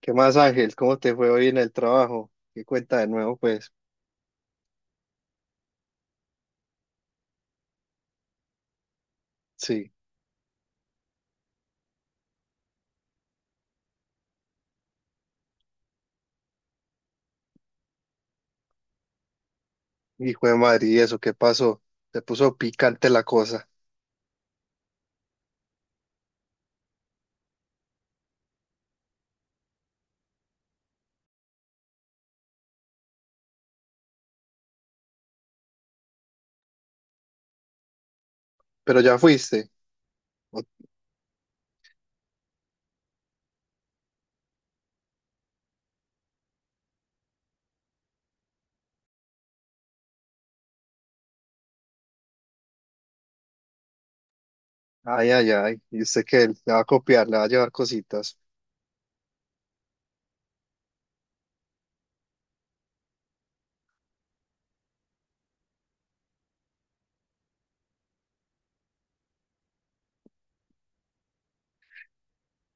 ¿Qué más, Ángel? ¿Cómo te fue hoy en el trabajo? ¿Qué cuenta de nuevo? Pues sí, hijo de madre, ¿y eso qué pasó? Se puso picante la cosa, pero ya fuiste. O- Ay, ay, ay, y usted que le va a copiar, le va a llevar cositas.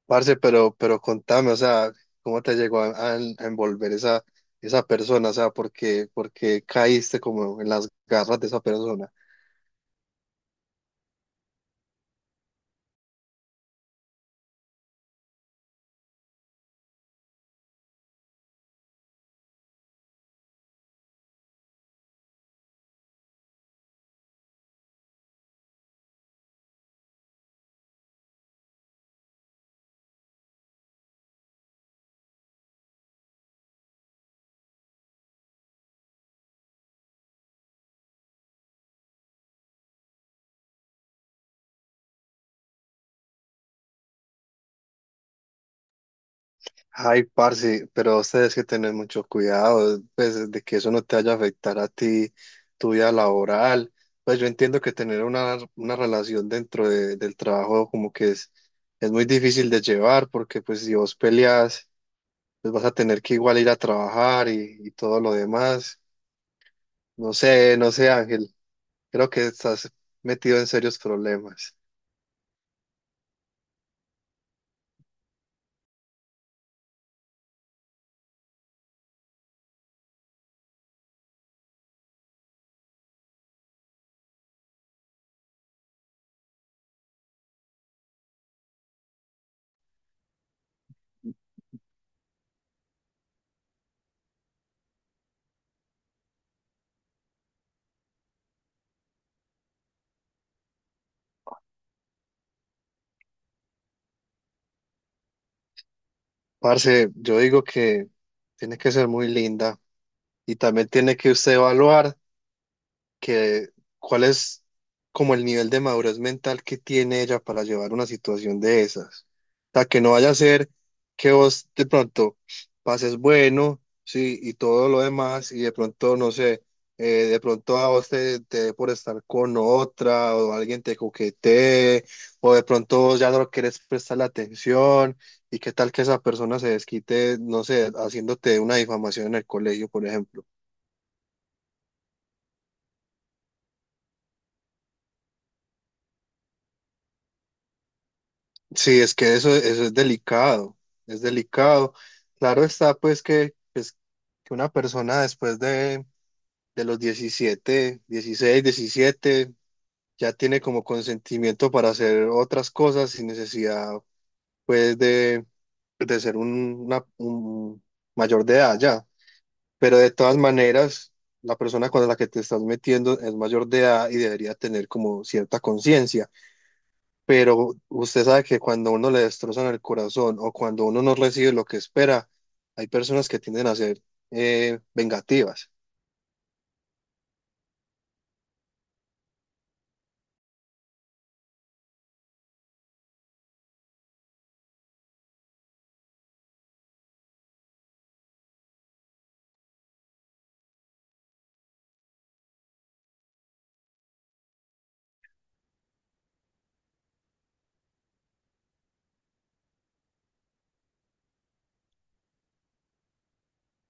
Parce, pero contame, o sea, ¿cómo te llegó a envolver esa persona? O sea, ¿por qué caíste como en las garras de esa persona? Ay, parce, pero ustedes que tener mucho cuidado, pues, de que eso no te vaya a afectar a ti, tu vida laboral. Pues yo entiendo que tener una relación dentro del trabajo, como que es muy difícil de llevar, porque pues si vos peleas, pues vas a tener que igual ir a trabajar y todo lo demás. No sé, no sé, Ángel, creo que estás metido en serios problemas. Parce, yo digo que tiene que ser muy linda, y también tiene que usted evaluar, que cuál es como el nivel de madurez mental que tiene ella para llevar una situación de esas. O sea, que no vaya a ser que vos de pronto pases bueno, sí, y todo lo demás, y de pronto, no sé, de pronto a vos te dé por estar con otra, o alguien te coquetee, o de pronto vos ya no querés prestar la atención, y qué tal que esa persona se desquite, no sé, haciéndote una difamación en el colegio, por ejemplo. Sí, es que eso es delicado, es delicado. Claro está, pues, que una persona después de los 17, 16, 17, ya tiene como consentimiento para hacer otras cosas sin necesidad, pues, de ser un mayor de edad ya. Pero de todas maneras, la persona con la que te estás metiendo es mayor de edad y debería tener como cierta conciencia. Pero usted sabe que cuando uno le destrozan el corazón, o cuando uno no recibe lo que espera, hay personas que tienden a ser, vengativas.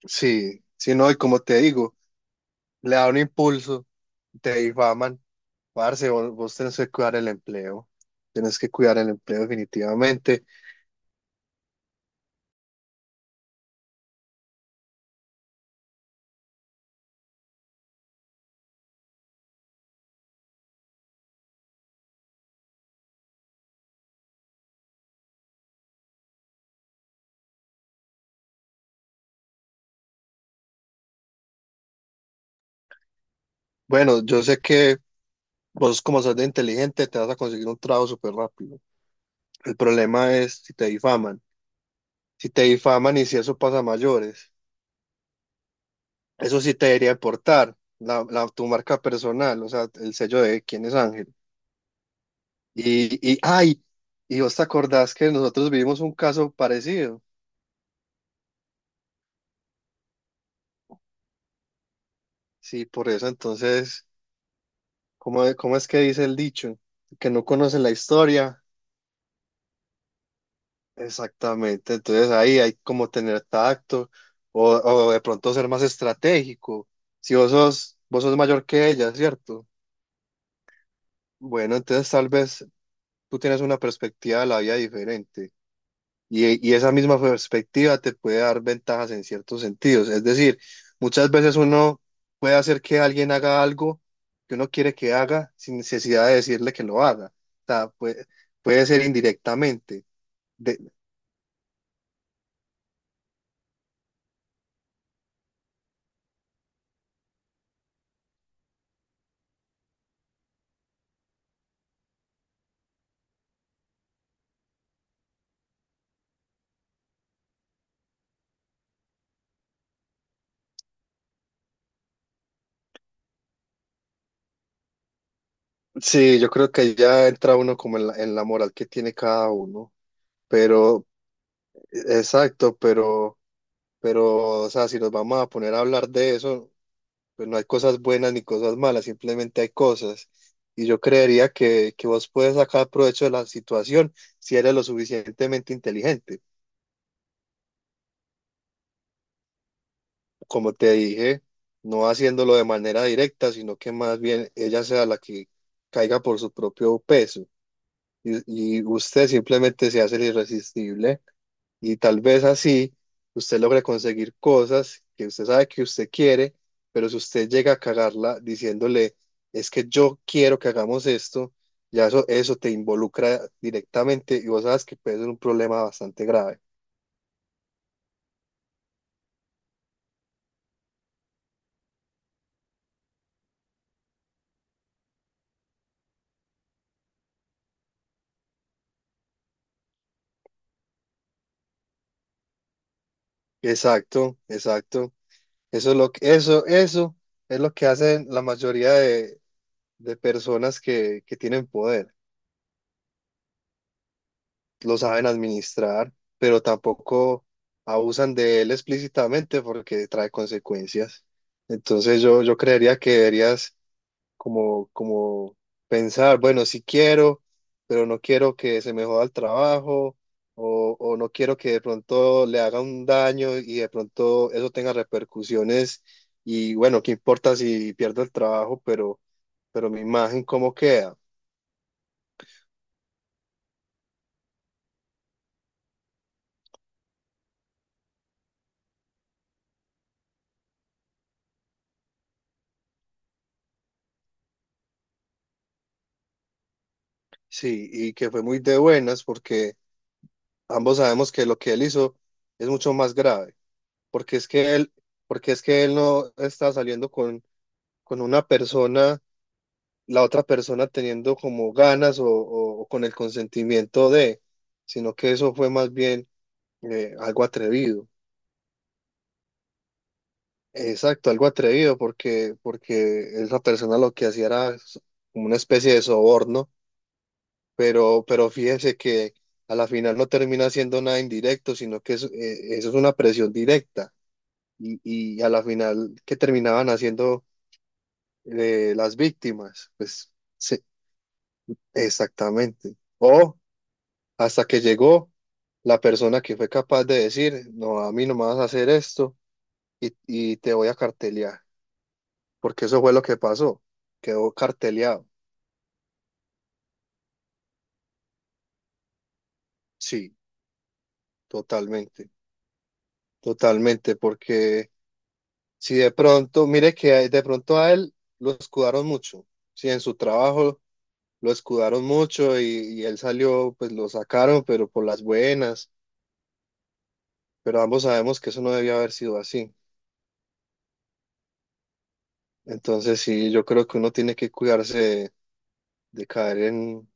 Sí, sí, no, y como te digo, le da un impulso, te difaman, parce, vos tenés que cuidar el empleo, tienes que cuidar el empleo definitivamente. Bueno, yo sé que vos como sos de inteligente te vas a conseguir un trabajo súper rápido. El problema es si te difaman, si te difaman y si eso pasa a mayores. Eso sí te debería aportar la, tu marca personal, o sea, el sello de quién es Ángel. Y ay, y vos te acordás que nosotros vivimos un caso parecido. Sí, por eso entonces, ¿cómo, cómo es que dice el dicho? Que no conoce la historia. Exactamente, entonces ahí hay como tener tacto o de pronto ser más estratégico. Si vos sos mayor que ella, ¿cierto? Bueno, entonces tal vez tú tienes una perspectiva de la vida diferente. Y esa misma perspectiva te puede dar ventajas en ciertos sentidos. Es decir, muchas veces uno puede hacer que alguien haga algo que uno quiere que haga sin necesidad de decirle que lo haga. O sea, puede ser indirectamente. De- sí, yo creo que ya entra uno como en la moral que tiene cada uno. Pero, exacto, pero, o sea, si nos vamos a poner a hablar de eso, pues no hay cosas buenas ni cosas malas, simplemente hay cosas. Y yo creería que vos puedes sacar provecho de la situación si eres lo suficientemente inteligente. Como te dije, no haciéndolo de manera directa, sino que más bien ella sea la que caiga por su propio peso. Y usted simplemente se hace el irresistible, y tal vez así usted logre conseguir cosas que usted sabe que usted quiere. Pero si usted llega a cagarla diciéndole, es que yo quiero que hagamos esto, ya eso te involucra directamente y vos sabes que puede ser un problema bastante grave. Exacto, exacto. Eso es lo que, eso es lo que hacen la mayoría de personas que tienen poder. Lo saben administrar, pero tampoco abusan de él explícitamente porque trae consecuencias. Entonces yo creería que deberías, como pensar, bueno, sí quiero, pero no quiero que se me joda el trabajo, o no quiero que de pronto le haga un daño y de pronto eso tenga repercusiones, y bueno, qué importa si pierdo el trabajo. Pero, mi imagen, ¿cómo queda? Sí, y que fue muy de buenas porque ambos sabemos que lo que él hizo es mucho más grave, porque es que él, porque es que él no está saliendo con, una persona, la otra persona teniendo como ganas, o con el consentimiento de, sino que eso fue más bien, algo atrevido. Exacto, algo atrevido, porque, esa persona lo que hacía era como una especie de soborno. Pero fíjense que a la final no termina siendo nada indirecto, sino que eso es una presión directa. Y a la final, ¿qué terminaban haciendo, las víctimas? Pues sí, exactamente. O hasta que llegó la persona que fue capaz de decir, no, a mí no me vas a hacer esto, y te voy a cartelear, porque eso fue lo que pasó, quedó carteleado. Sí, totalmente, totalmente, porque si de pronto, mire que de pronto a él lo escudaron mucho, si en su trabajo lo escudaron mucho y él salió, pues lo sacaron, pero por las buenas, pero ambos sabemos que eso no debía haber sido así. Entonces sí, yo creo que uno tiene que cuidarse de caer en,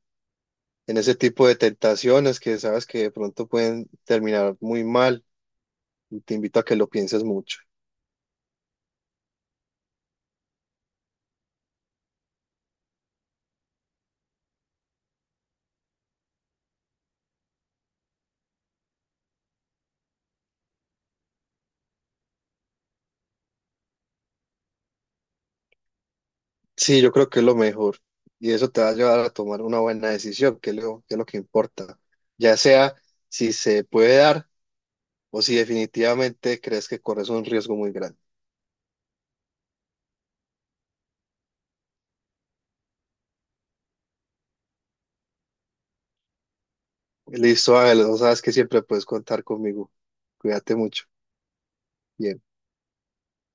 en ese tipo de tentaciones que sabes que de pronto pueden terminar muy mal, y te invito a que lo pienses mucho. Sí, yo creo que es lo mejor y eso te va a llevar a tomar una buena decisión, que es lo que importa, ya sea si se puede dar o si definitivamente crees que corres un riesgo muy grande. Listo, Ángel, no sabes que siempre puedes contar conmigo. Cuídate mucho. Bien.